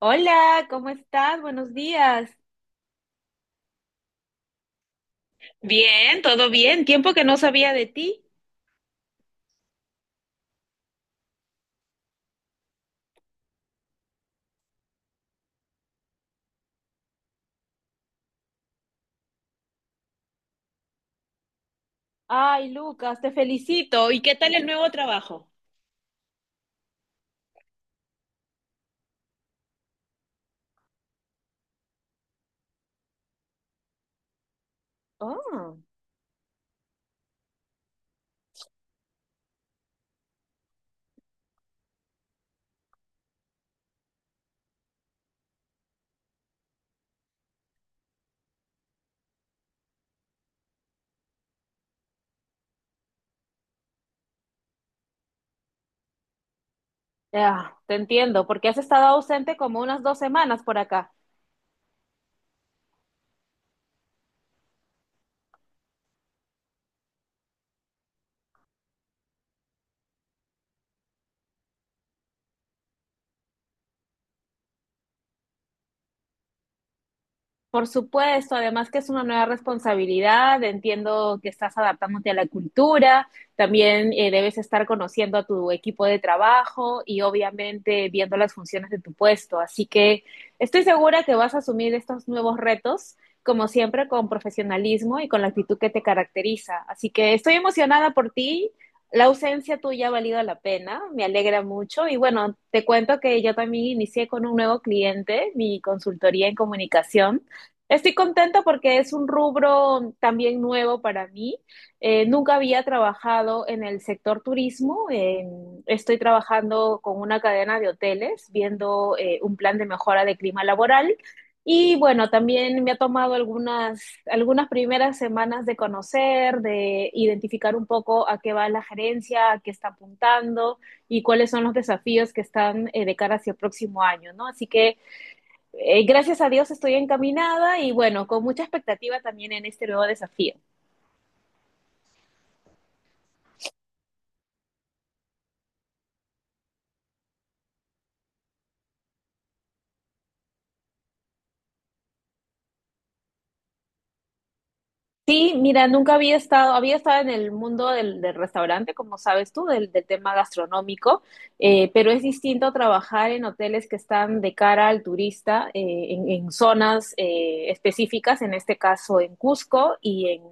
Hola, ¿cómo estás? Buenos días. Bien, todo bien. Tiempo que no sabía de ti. Ay, Lucas, te felicito. ¿Y qué tal el nuevo trabajo? Oh, ya, te entiendo, porque has estado ausente como unas 2 semanas por acá. Por supuesto, además que es una nueva responsabilidad, entiendo que estás adaptándote a la cultura, también debes estar conociendo a tu equipo de trabajo y obviamente viendo las funciones de tu puesto. Así que estoy segura que vas a asumir estos nuevos retos, como siempre, con profesionalismo y con la actitud que te caracteriza. Así que estoy emocionada por ti. La ausencia tuya ha valido la pena, me alegra mucho y bueno, te cuento que yo también inicié con un nuevo cliente, mi consultoría en comunicación. Estoy contenta porque es un rubro también nuevo para mí. Nunca había trabajado en el sector turismo. Estoy trabajando con una cadena de hoteles, viendo un plan de mejora de clima laboral. Y bueno, también me ha tomado algunas primeras semanas de conocer, de identificar un poco a qué va la gerencia, a qué está apuntando y cuáles son los desafíos que están de cara hacia el próximo año, ¿no? Así que gracias a Dios estoy encaminada y bueno, con mucha expectativa también en este nuevo desafío. Sí, mira, nunca había estado en el mundo del restaurante, como sabes tú, del tema gastronómico, pero es distinto trabajar en hoteles que están de cara al turista, en zonas específicas, en este caso en Cusco y en,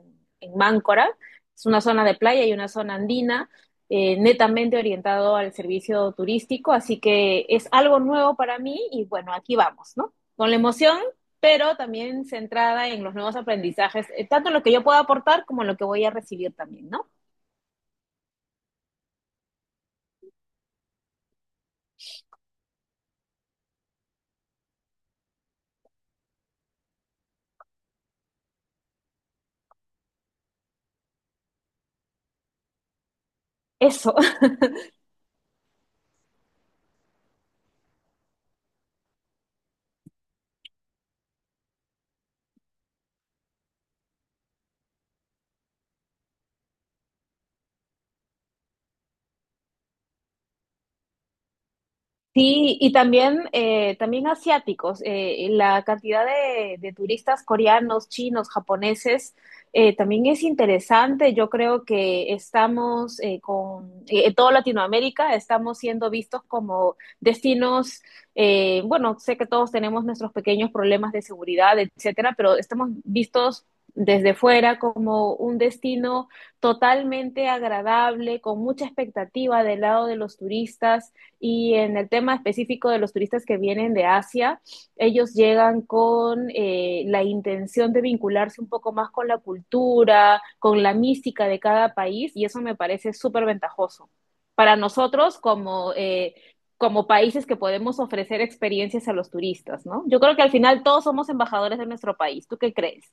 en Máncora. Es una zona de playa y una zona andina, netamente orientado al servicio turístico, así que es algo nuevo para mí y bueno, aquí vamos, ¿no? Con la emoción pero también centrada en los nuevos aprendizajes, tanto en lo que yo puedo aportar como en lo que voy a recibir también, ¿no? Eso. Sí, y también asiáticos. La cantidad de turistas coreanos, chinos, japoneses, también es interesante. Yo creo que estamos con en toda Latinoamérica, estamos siendo vistos como destinos. Bueno, sé que todos tenemos nuestros pequeños problemas de seguridad, etcétera, pero estamos vistos desde fuera como un destino totalmente agradable, con mucha expectativa del lado de los turistas y en el tema específico de los turistas que vienen de Asia, ellos llegan con la intención de vincularse un poco más con la cultura, con la mística de cada país, y eso me parece súper ventajoso. Para nosotros, como países que podemos ofrecer experiencias a los turistas, ¿no? Yo creo que al final todos somos embajadores de nuestro país. ¿Tú qué crees?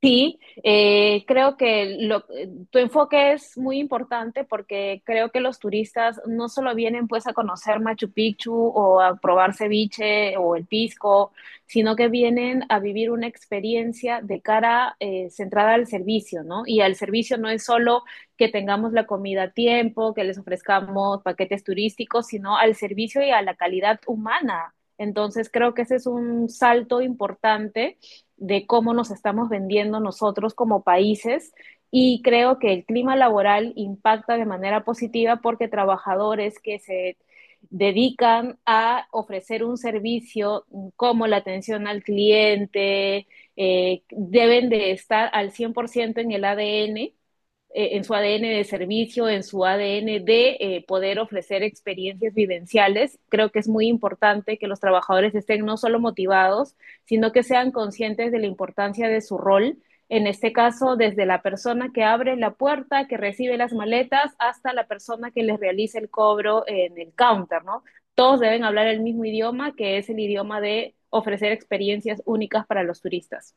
Sí, creo que tu enfoque es muy importante porque creo que los turistas no solo vienen pues a conocer Machu Picchu o a probar ceviche o el pisco, sino que vienen a vivir una experiencia de cara centrada al servicio, ¿no? Y al servicio no es solo que tengamos la comida a tiempo, que les ofrezcamos paquetes turísticos, sino al servicio y a la calidad humana. Entonces creo que ese es un salto importante de cómo nos estamos vendiendo nosotros como países y creo que el clima laboral impacta de manera positiva porque trabajadores que se dedican a ofrecer un servicio como la atención al cliente, deben de estar al 100% en el ADN, en su ADN de servicio, en su ADN de poder ofrecer experiencias vivenciales. Creo que es muy importante que los trabajadores estén no solo motivados, sino que sean conscientes de la importancia de su rol, en este caso desde la persona que abre la puerta, que recibe las maletas, hasta la persona que les realiza el cobro en el counter, ¿no? Todos deben hablar el mismo idioma, que es el idioma de ofrecer experiencias únicas para los turistas.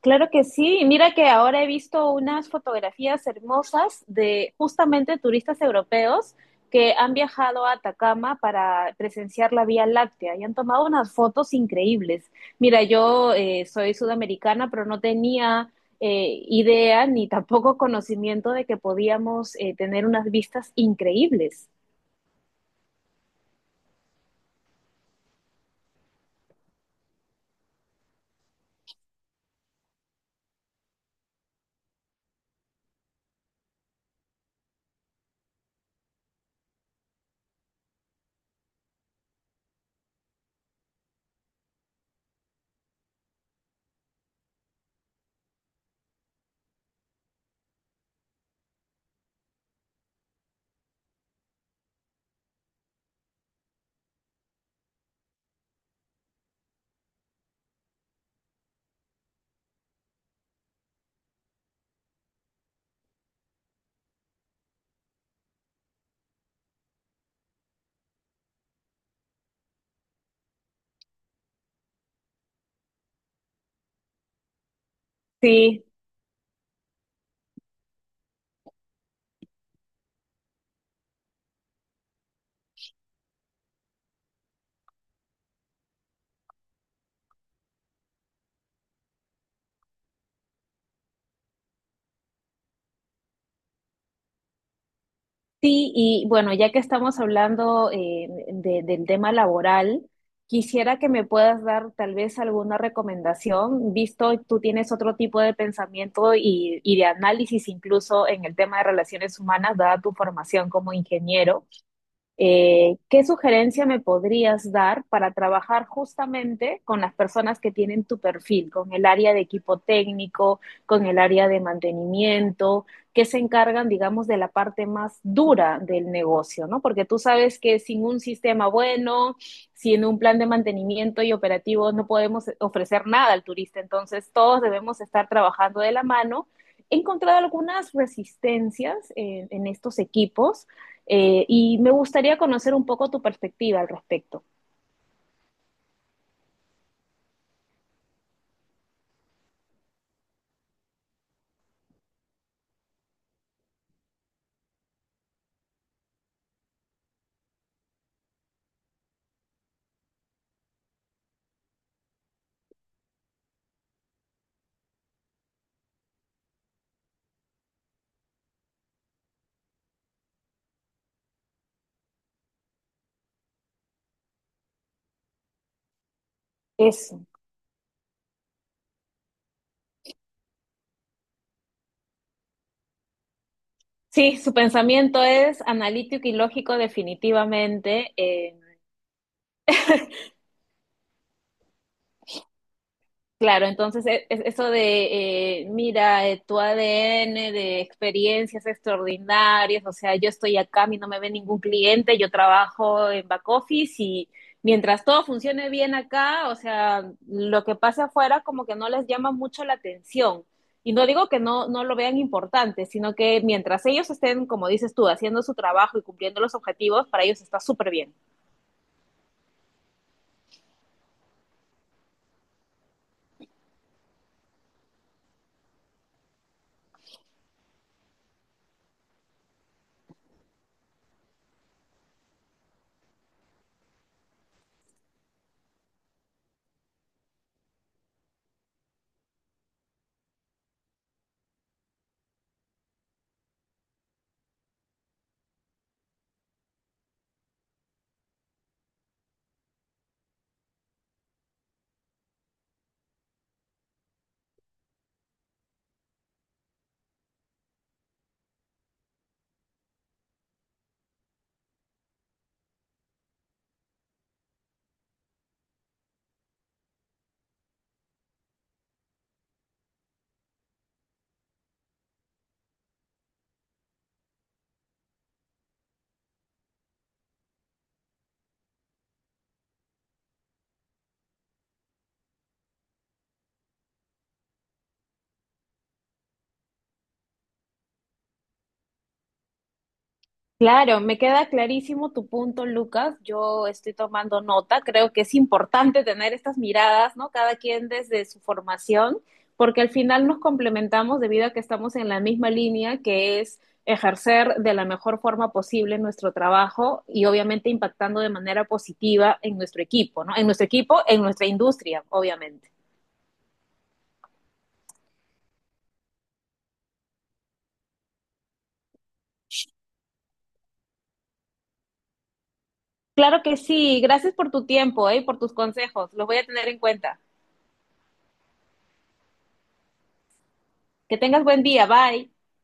Claro que sí. Mira que ahora he visto unas fotografías hermosas de justamente turistas europeos que han viajado a Atacama para presenciar la Vía Láctea y han tomado unas fotos increíbles. Mira, yo soy sudamericana, pero no tenía idea ni tampoco conocimiento de que podíamos tener unas vistas increíbles. Sí, sí, y bueno, ya que estamos hablando del tema laboral, quisiera que me puedas dar tal vez alguna recomendación, visto tú tienes otro tipo de pensamiento y de análisis incluso en el tema de relaciones humanas, dada tu formación como ingeniero. ¿Qué sugerencia me podrías dar para trabajar justamente con las personas que tienen tu perfil, con el área de equipo técnico, con el área de mantenimiento, que se encargan, digamos, de la parte más dura del negocio, ¿no? Porque tú sabes que sin un sistema bueno, sin un plan de mantenimiento y operativo, no podemos ofrecer nada al turista. Entonces, todos debemos estar trabajando de la mano. He encontrado algunas resistencias en estos equipos, y me gustaría conocer un poco tu perspectiva al respecto. Eso. Sí, su pensamiento es analítico y lógico definitivamente. Claro, entonces eso de, mira, tu ADN de experiencias extraordinarias, o sea, yo estoy acá, a mí no me ve ningún cliente, yo trabajo en back office y mientras todo funcione bien acá, o sea, lo que pase afuera como que no les llama mucho la atención. Y no digo que no lo vean importante, sino que mientras ellos estén, como dices tú, haciendo su trabajo y cumpliendo los objetivos, para ellos está súper bien. Claro, me queda clarísimo tu punto, Lucas. Yo estoy tomando nota. Creo que es importante tener estas miradas, ¿no? Cada quien desde su formación, porque al final nos complementamos debido a que estamos en la misma línea, que es ejercer de la mejor forma posible nuestro trabajo y obviamente impactando de manera positiva en nuestro equipo, ¿no? En nuestro equipo, en nuestra industria, obviamente. Claro que sí. Gracias por tu tiempo, ¿eh? Por tus consejos. Los voy a tener en cuenta. Que tengas buen día. Bye.